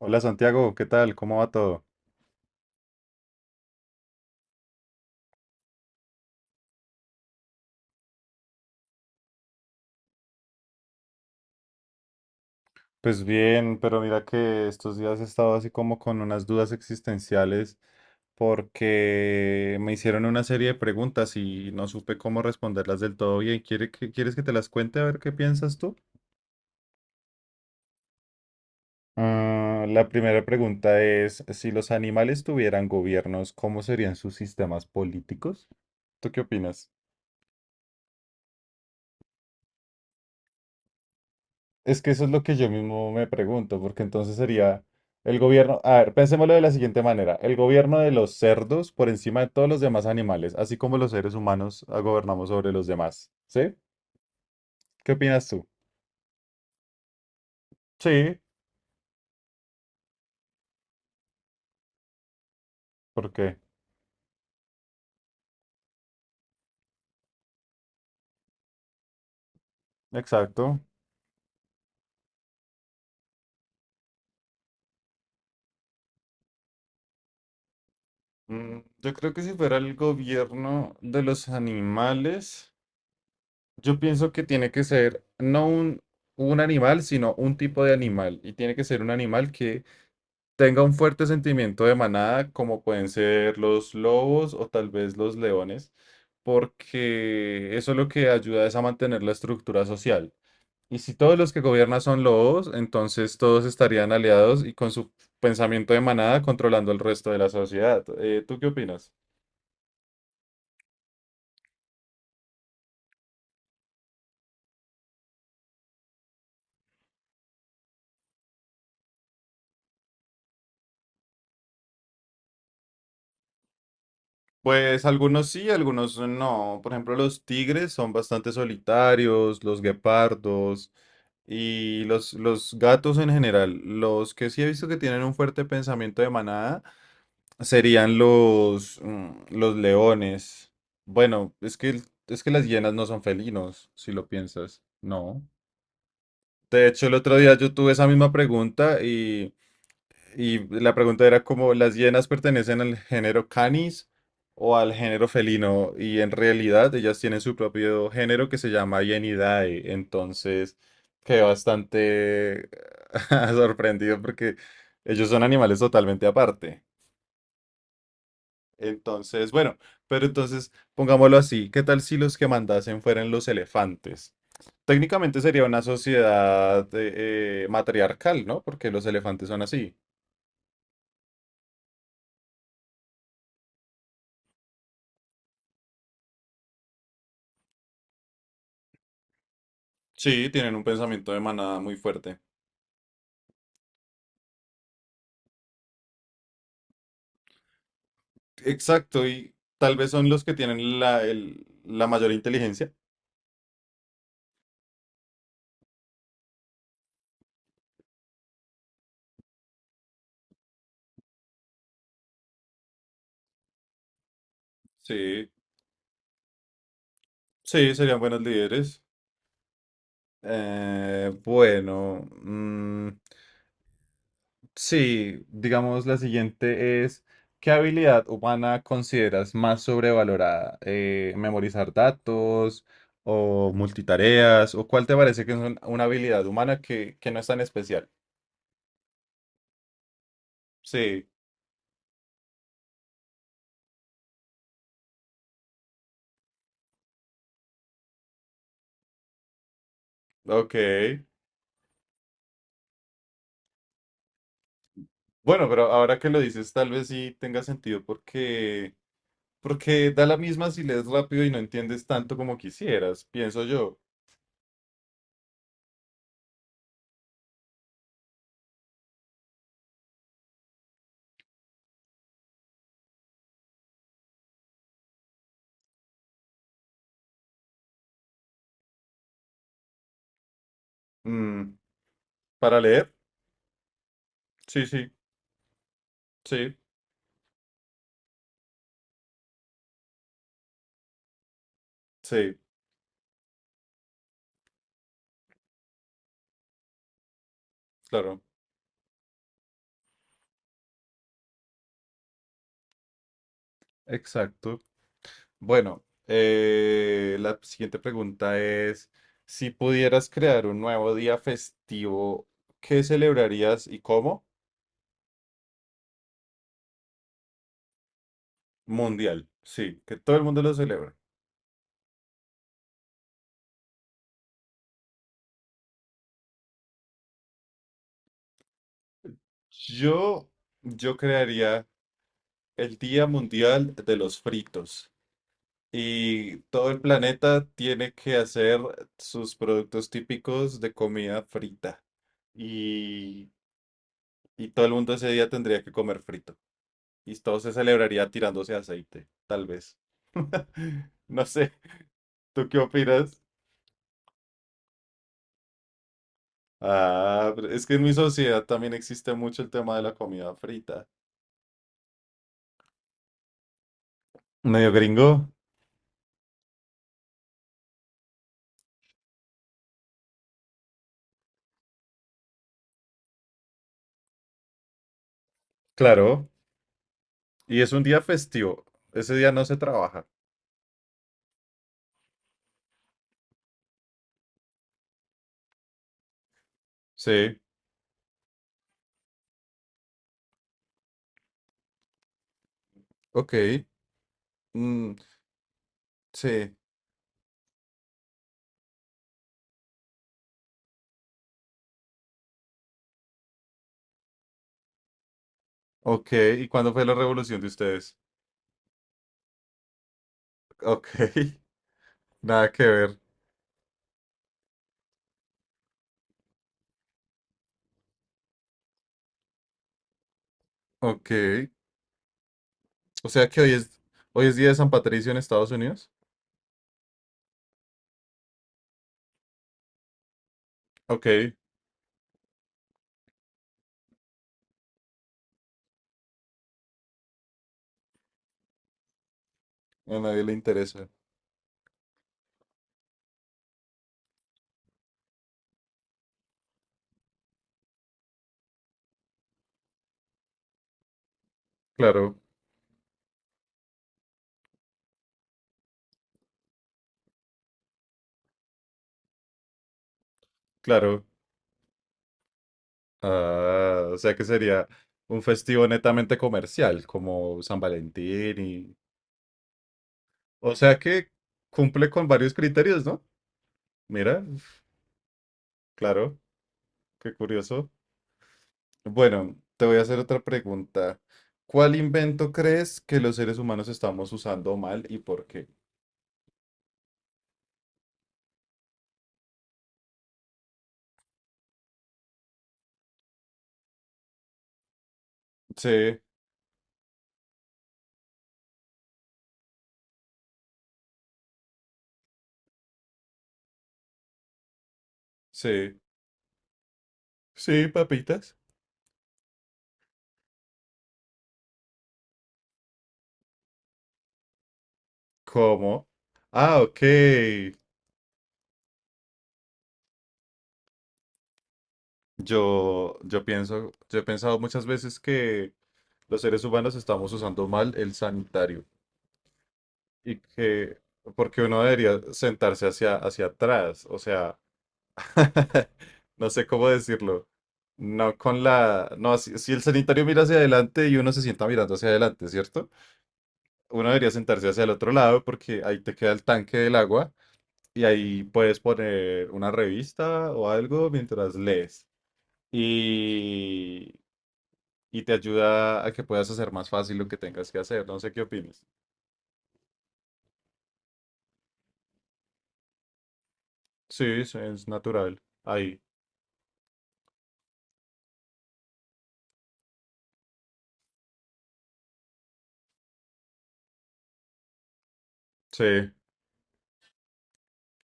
Hola Santiago, ¿qué tal? ¿Cómo va todo? Pues bien, pero mira que estos días he estado así como con unas dudas existenciales porque me hicieron una serie de preguntas y no supe cómo responderlas del todo bien. ¿Quieres que te las cuente a ver qué piensas tú? Ah, la primera pregunta es, si los animales tuvieran gobiernos, ¿cómo serían sus sistemas políticos? ¿Tú qué opinas? Es que eso es lo que yo mismo me pregunto, porque entonces sería el gobierno, a ver, pensémoslo de la siguiente manera, el gobierno de los cerdos por encima de todos los demás animales, así como los seres humanos gobernamos sobre los demás, ¿sí? ¿Qué opinas tú? Sí, ¿por qué? Exacto. Mm, yo creo que si fuera el gobierno de los animales, yo pienso que tiene que ser no un, un animal, sino un tipo de animal. Y tiene que ser un animal que tenga un fuerte sentimiento de manada, como pueden ser los lobos o tal vez los leones, porque eso lo que ayuda es a mantener la estructura social. Y si todos los que gobiernan son lobos, entonces todos estarían aliados y con su pensamiento de manada controlando el resto de la sociedad. ¿Tú qué opinas? Pues algunos sí, algunos no. Por ejemplo, los tigres son bastante solitarios, los guepardos. Y los gatos en general, los que sí he visto que tienen un fuerte pensamiento de manada, serían los leones. Bueno, es que las hienas no son felinos, si lo piensas. No. De hecho, el otro día yo tuve esa misma pregunta y la pregunta era como, ¿las hienas pertenecen al género Canis o al género felino? Y en realidad ellas tienen su propio género que se llama Hienidae. Entonces, quedé bastante sorprendido porque ellos son animales totalmente aparte. Entonces, bueno, pero entonces pongámoslo así, ¿qué tal si los que mandasen fueran los elefantes? Técnicamente sería una sociedad matriarcal, ¿no? Porque los elefantes son así. Sí, tienen un pensamiento de manada muy fuerte. Exacto, y tal vez son los que tienen la mayor inteligencia. Sí, sí, serían buenos líderes. Bueno, mm, sí, digamos la siguiente es, ¿qué habilidad humana consideras más sobrevalorada? ¿Memorizar datos o multitareas? ¿O cuál te parece que es una habilidad humana que no es tan especial? Sí, ok. Bueno, pero ahora que lo dices, tal vez sí tenga sentido porque da la misma si lees rápido y no entiendes tanto como quisieras, pienso yo. Mm, ¿para leer? Sí, sí, sí, sí, claro, exacto. Bueno, la siguiente pregunta es, si pudieras crear un nuevo día festivo, ¿qué celebrarías y cómo? Mundial, sí, que todo el mundo lo celebra. Yo, yo crearía el Día Mundial de los Fritos. Y todo el planeta tiene que hacer sus productos típicos de comida frita. Y, y todo el mundo ese día tendría que comer frito. Y todo se celebraría tirándose aceite, tal vez. No sé, ¿tú qué opinas? Ah, pero es que en mi sociedad también existe mucho el tema de la comida frita. Medio gringo, claro. Y es un día festivo. Ese día no se trabaja. Sí, ok. Mm, sí, ok. ¿Y cuándo fue la revolución de ustedes? Ok, nada que ver. Ok. O sea que hoy es día de San Patricio en Estados Unidos. Ok, a nadie le interesa. Claro, claro. Ah, o sea que sería un festivo netamente comercial, como San Valentín y... O sea que cumple con varios criterios, ¿no? Mira, claro, qué curioso. Bueno, te voy a hacer otra pregunta. ¿Cuál invento crees que los seres humanos estamos usando mal y por qué? Sí, sí, sí, papitas. ¿Cómo? Ah, ok. Yo pienso, yo he pensado muchas veces que los seres humanos estamos usando mal el sanitario y que, porque uno debería sentarse hacia atrás, o sea, no sé cómo decirlo. No con la... No, si el sanitario mira hacia adelante y uno se sienta mirando hacia adelante, ¿cierto? Uno debería sentarse hacia el otro lado porque ahí te queda el tanque del agua y ahí puedes poner una revista o algo mientras lees. Y, y te ayuda a que puedas hacer más fácil lo que tengas que hacer. No sé qué opinas. Sí, sí, es natural. Ahí. Sí.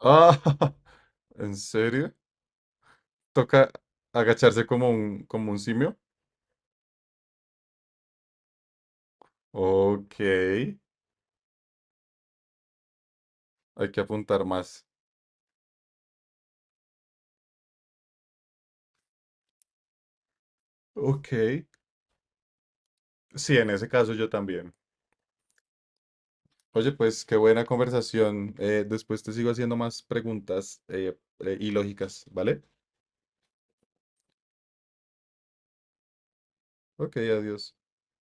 Ah, ¿en serio? Toca agacharse como como un simio. Ok, hay que apuntar más. Ok, sí, en ese caso yo también. Oye, pues qué buena conversación. Después te sigo haciendo más preguntas y lógicas, ¿vale? Ok, adiós.